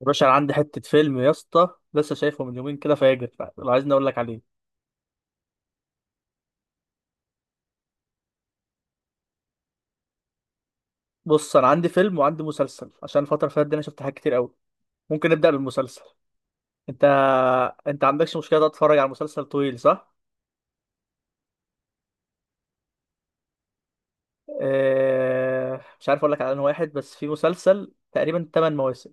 يا باشا انا عندي حته فيلم يا اسطى. لسه شايفه من يومين كده فاجر. لو عايزني اقول لك عليه. بص، انا عندي فيلم وعندي مسلسل. عشان الفتره اللي فاتت دي انا شفت حاجات كتير قوي. ممكن نبدا بالمسلسل. انت انت عندكش مشكله تقعد تتفرج على مسلسل طويل، صح؟ اه... مش عارف اقول لك على انه واحد، بس في مسلسل تقريبا 8 مواسم.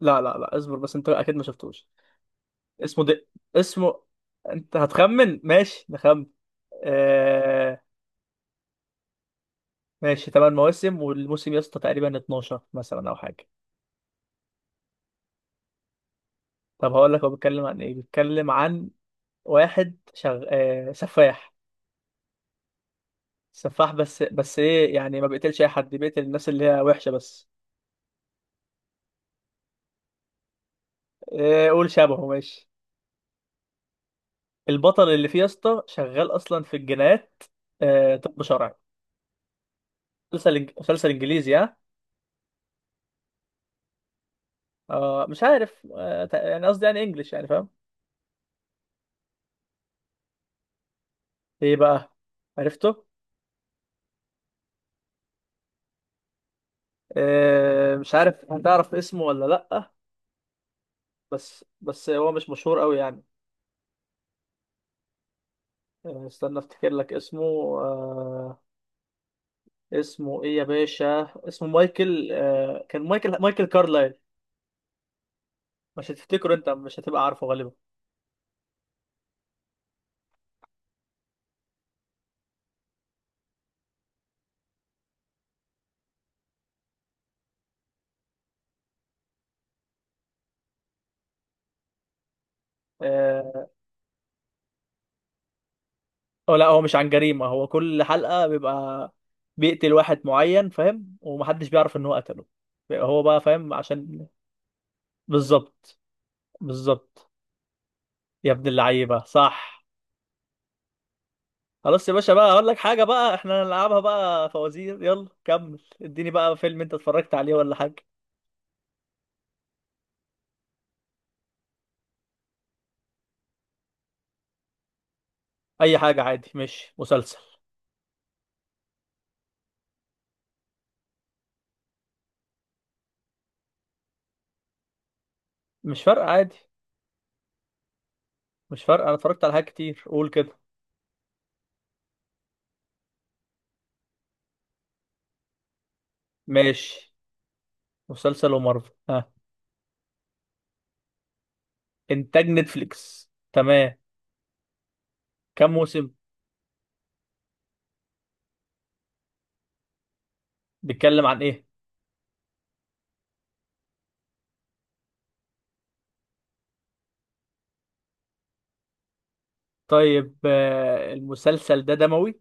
لا لا لا، اصبر بس، انت اكيد ما شفتوش. اسمه دي... اسمه، انت هتخمن، ماشي نخمن. اه... ماشي، 8 مواسم، والموسم يا اسطى تقريبا 12 مثلا او حاجه. طب هقول لك هو بيتكلم عن ايه. بيتكلم عن واحد سفاح. سفاح، بس ايه يعني، ما بيقتلش اي حد، بيقتل الناس اللي هي وحشه بس. إيه، قول شبهه، ماشي. البطل اللي فيه يا اسطى شغال اصلا في الجنايات. طب شرعي. مسلسل انجليزي، ها. مش عارف، يعني قصدي يعني انجليش، يعني فاهم. ايه بقى، عرفته؟ مش عارف هتعرف اسمه ولا لأ. بس هو مش مشهور قوي يعني. استنى افتكر لك اسمه. آه، اسمه ايه يا باشا؟ اسمه مايكل، كان مايكل كارلايل. مش هتفتكره، انت مش هتبقى عارفه غالبا. اه أو لا، هو مش عن جريمة، هو كل حلقة بيبقى بيقتل واحد معين، فاهم؟ ومحدش بيعرف ان هو قتله. بيبقى هو بقى فاهم، عشان. بالظبط. بالظبط. يا ابن اللعيبة، صح. خلاص يا باشا بقى، اقول لك حاجة بقى، احنا هنلعبها بقى فوازير. يلا كمل، اديني بقى فيلم انت اتفرجت عليه ولا حاجة. اي حاجة عادي، مش مسلسل. مش فارقة، عادي. مش فارقة، انا اتفرجت على حاجات كتير، قول كده. ماشي. مسلسل ومارفل، ها. انتاج نتفليكس، تمام. كم موسم؟ بيتكلم عن ايه؟ طيب، المسلسل ده دموي؟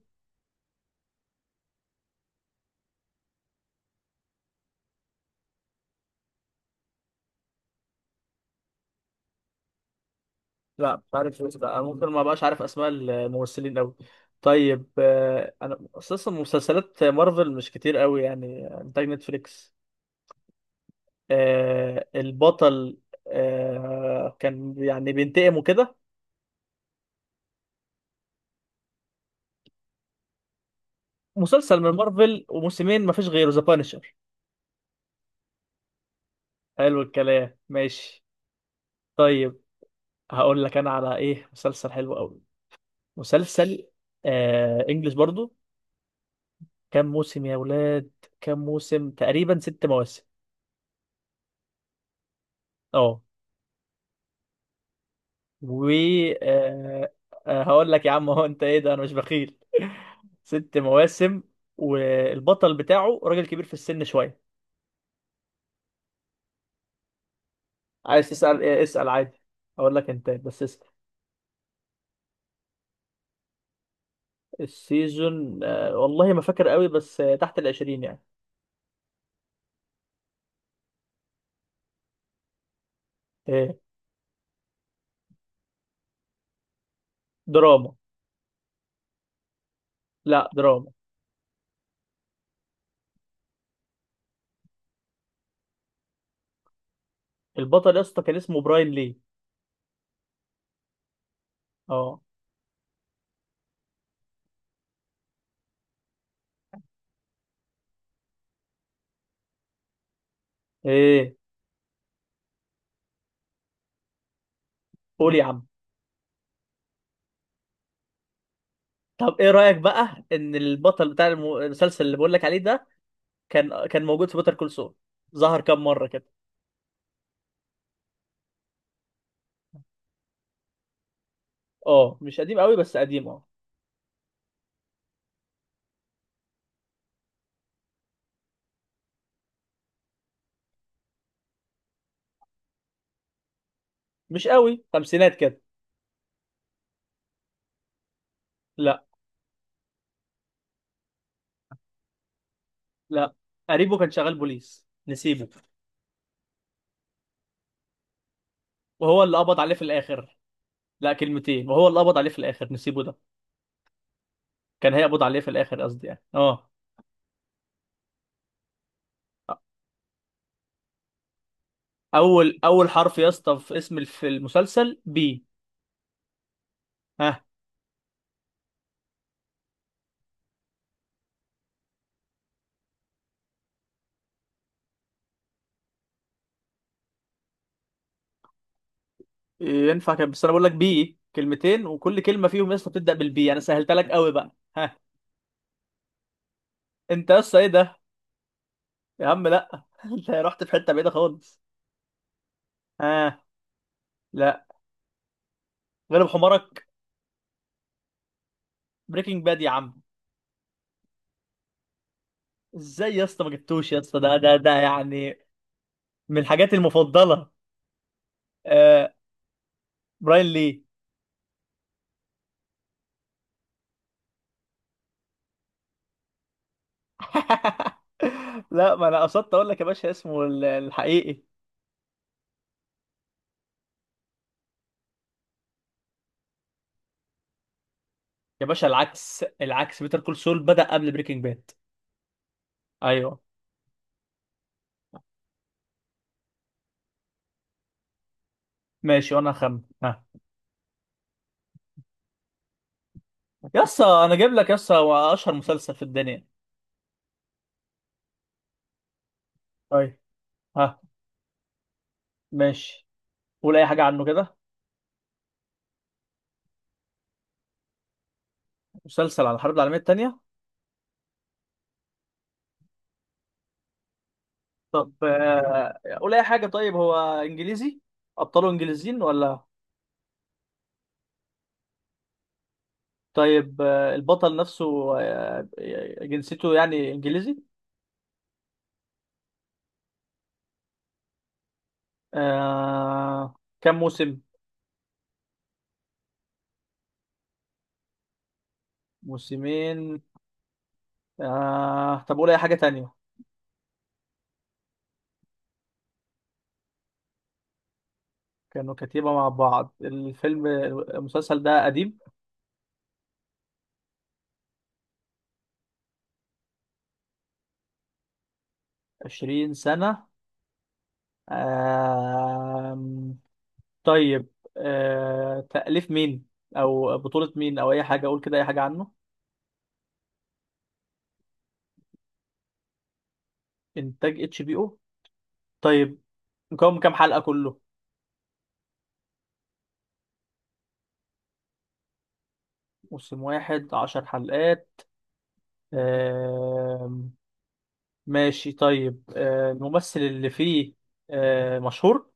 لا مش عارف إيه ده، انا ممكن ما بقاش عارف اسماء الممثلين قوي. طيب، انا اساسا مسلسلات مارفل مش كتير قوي يعني، انتاج نتفليكس. البطل، كان يعني بينتقم وكده. مسلسل من مارفل وموسمين، مفيش غيره، ذا بانشر. حلو الكلام، ماشي. طيب، هقول لك انا على ايه مسلسل حلو قوي. مسلسل، انجلش برضو. كام موسم يا ولاد؟ كام موسم؟ تقريبا ست مواسم. اه. و آه هقول لك يا عم، هو انت ايه ده، انا مش بخيل. ست مواسم. والبطل بتاعه راجل كبير في السن شويه. عايز تسأل إيه؟ اسأل عادي. هقول لك، انت بس اسأل. السيزون، والله ما فاكر قوي، بس تحت العشرين يعني. إيه؟ دراما. لا، دراما. البطل يا اسطى كان اسمه براين لي. اه. ايه؟ قول يا عم. طب ايه رأيك بقى ان البطل بتاع المسلسل اللي بقول لك عليه ده كان موجود في بيتر كول سول؟ ظهر كام مرة كده. اه مش قديم قوي، بس قديم، اه. مش قوي، خمسينات كده. لا. لا، قريبه كان شغال بوليس، نسيبه. وهو اللي قبض عليه في الاخر. لا، كلمتين. وهو اللي قبض عليه في الاخر نسيبه ده. كان هيقبض عليه في الاخر، قصدي يعني، اه. اول حرف يا اسطى في اسم المسلسل بي. ها. ينفع كده، بس انا بقول لك بي، كلمتين، وكل كلمه فيهم يا اسطى بتبدا بالبي، انا سهلتها لك قوي بقى، ها. انت يا اسطى، ايه ده؟ يا عم لا انت رحت في حته بعيده خالص. ها. لا. غلب حمارك. بريكنج باد يا عم. ازاي يا اسطى ما جبتوش؟ يا اسطى ده يعني من الحاجات المفضله. آه. براين لي. لا، ما انا قصدت اقول لك يا باشا اسمه الحقيقي. يا باشا العكس، العكس، بيتر كول سول بدأ قبل بريكنج باد. ايوه. ماشي، وانا هخمن، ها. يس، انا جايب لك يس اشهر مسلسل في الدنيا. طيب. ها. ماشي. قول اي حاجه عنه كده. مسلسل عن الحرب العالميه الثانيه. طب قول اي حاجه. طيب، هو انجليزي؟ ابطاله انجليزيين ولا؟ طيب، البطل نفسه، آه، جنسيته يعني انجليزي؟ آه، كم موسم؟ موسمين. طب قول اي حاجه تانية. كانوا كتيبة مع بعض. الفيلم، المسلسل ده قديم؟ 20 سنة. آه، طيب. تأليف مين، او بطولة مين، او اي حاجة اقول كده، اي حاجة عنه. انتاج اتش بي او. طيب. مكون من كام حلقة كله؟ موسم واحد، عشر حلقات. آه... ماشي. طيب، الممثل اللي فيه، مشهور؟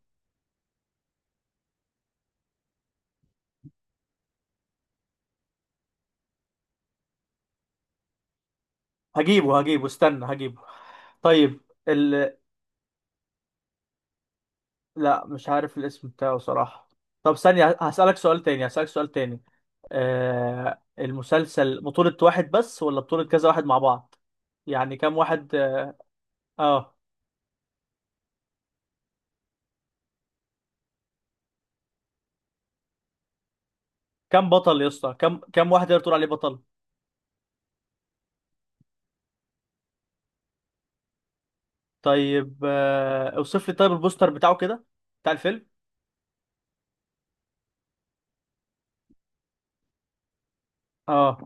هجيبه هجيبه استنى هجيبه. طيب. لا، مش عارف الاسم بتاعه صراحة. طب ثانية، هسألك سؤال تاني. المسلسل بطولة واحد بس، ولا بطولة كذا واحد مع بعض؟ يعني كم واحد؟ اه، كم بطل يا اسطى؟ كم واحد يقدر تقول عليه بطل؟ طيب، اوصف لي طيب البوستر بتاعه كده، بتاع الفيلم. اه.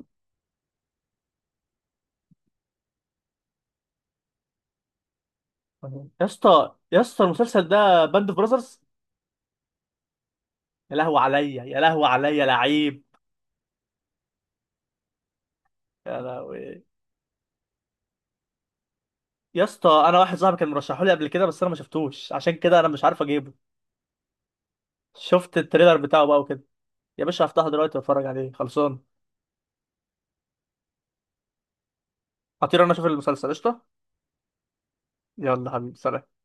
يا اسطى، يا اسطى، المسلسل ده باند اوف براذرز. يا لهوي عليا، يا لهوي عليا، لعيب. يا لهوي. يا اسطى، انا واحد صاحبي كان مرشحه لي قبل كده، بس انا ما شفتوش، عشان كده انا مش عارف اجيبه. شفت التريلر بتاعه بقى وكده. يا باشا هفتحه دلوقتي واتفرج عليه، خلصان. هطير انا اشوف المسلسل، قشطه. يلا حبيبي، سلام.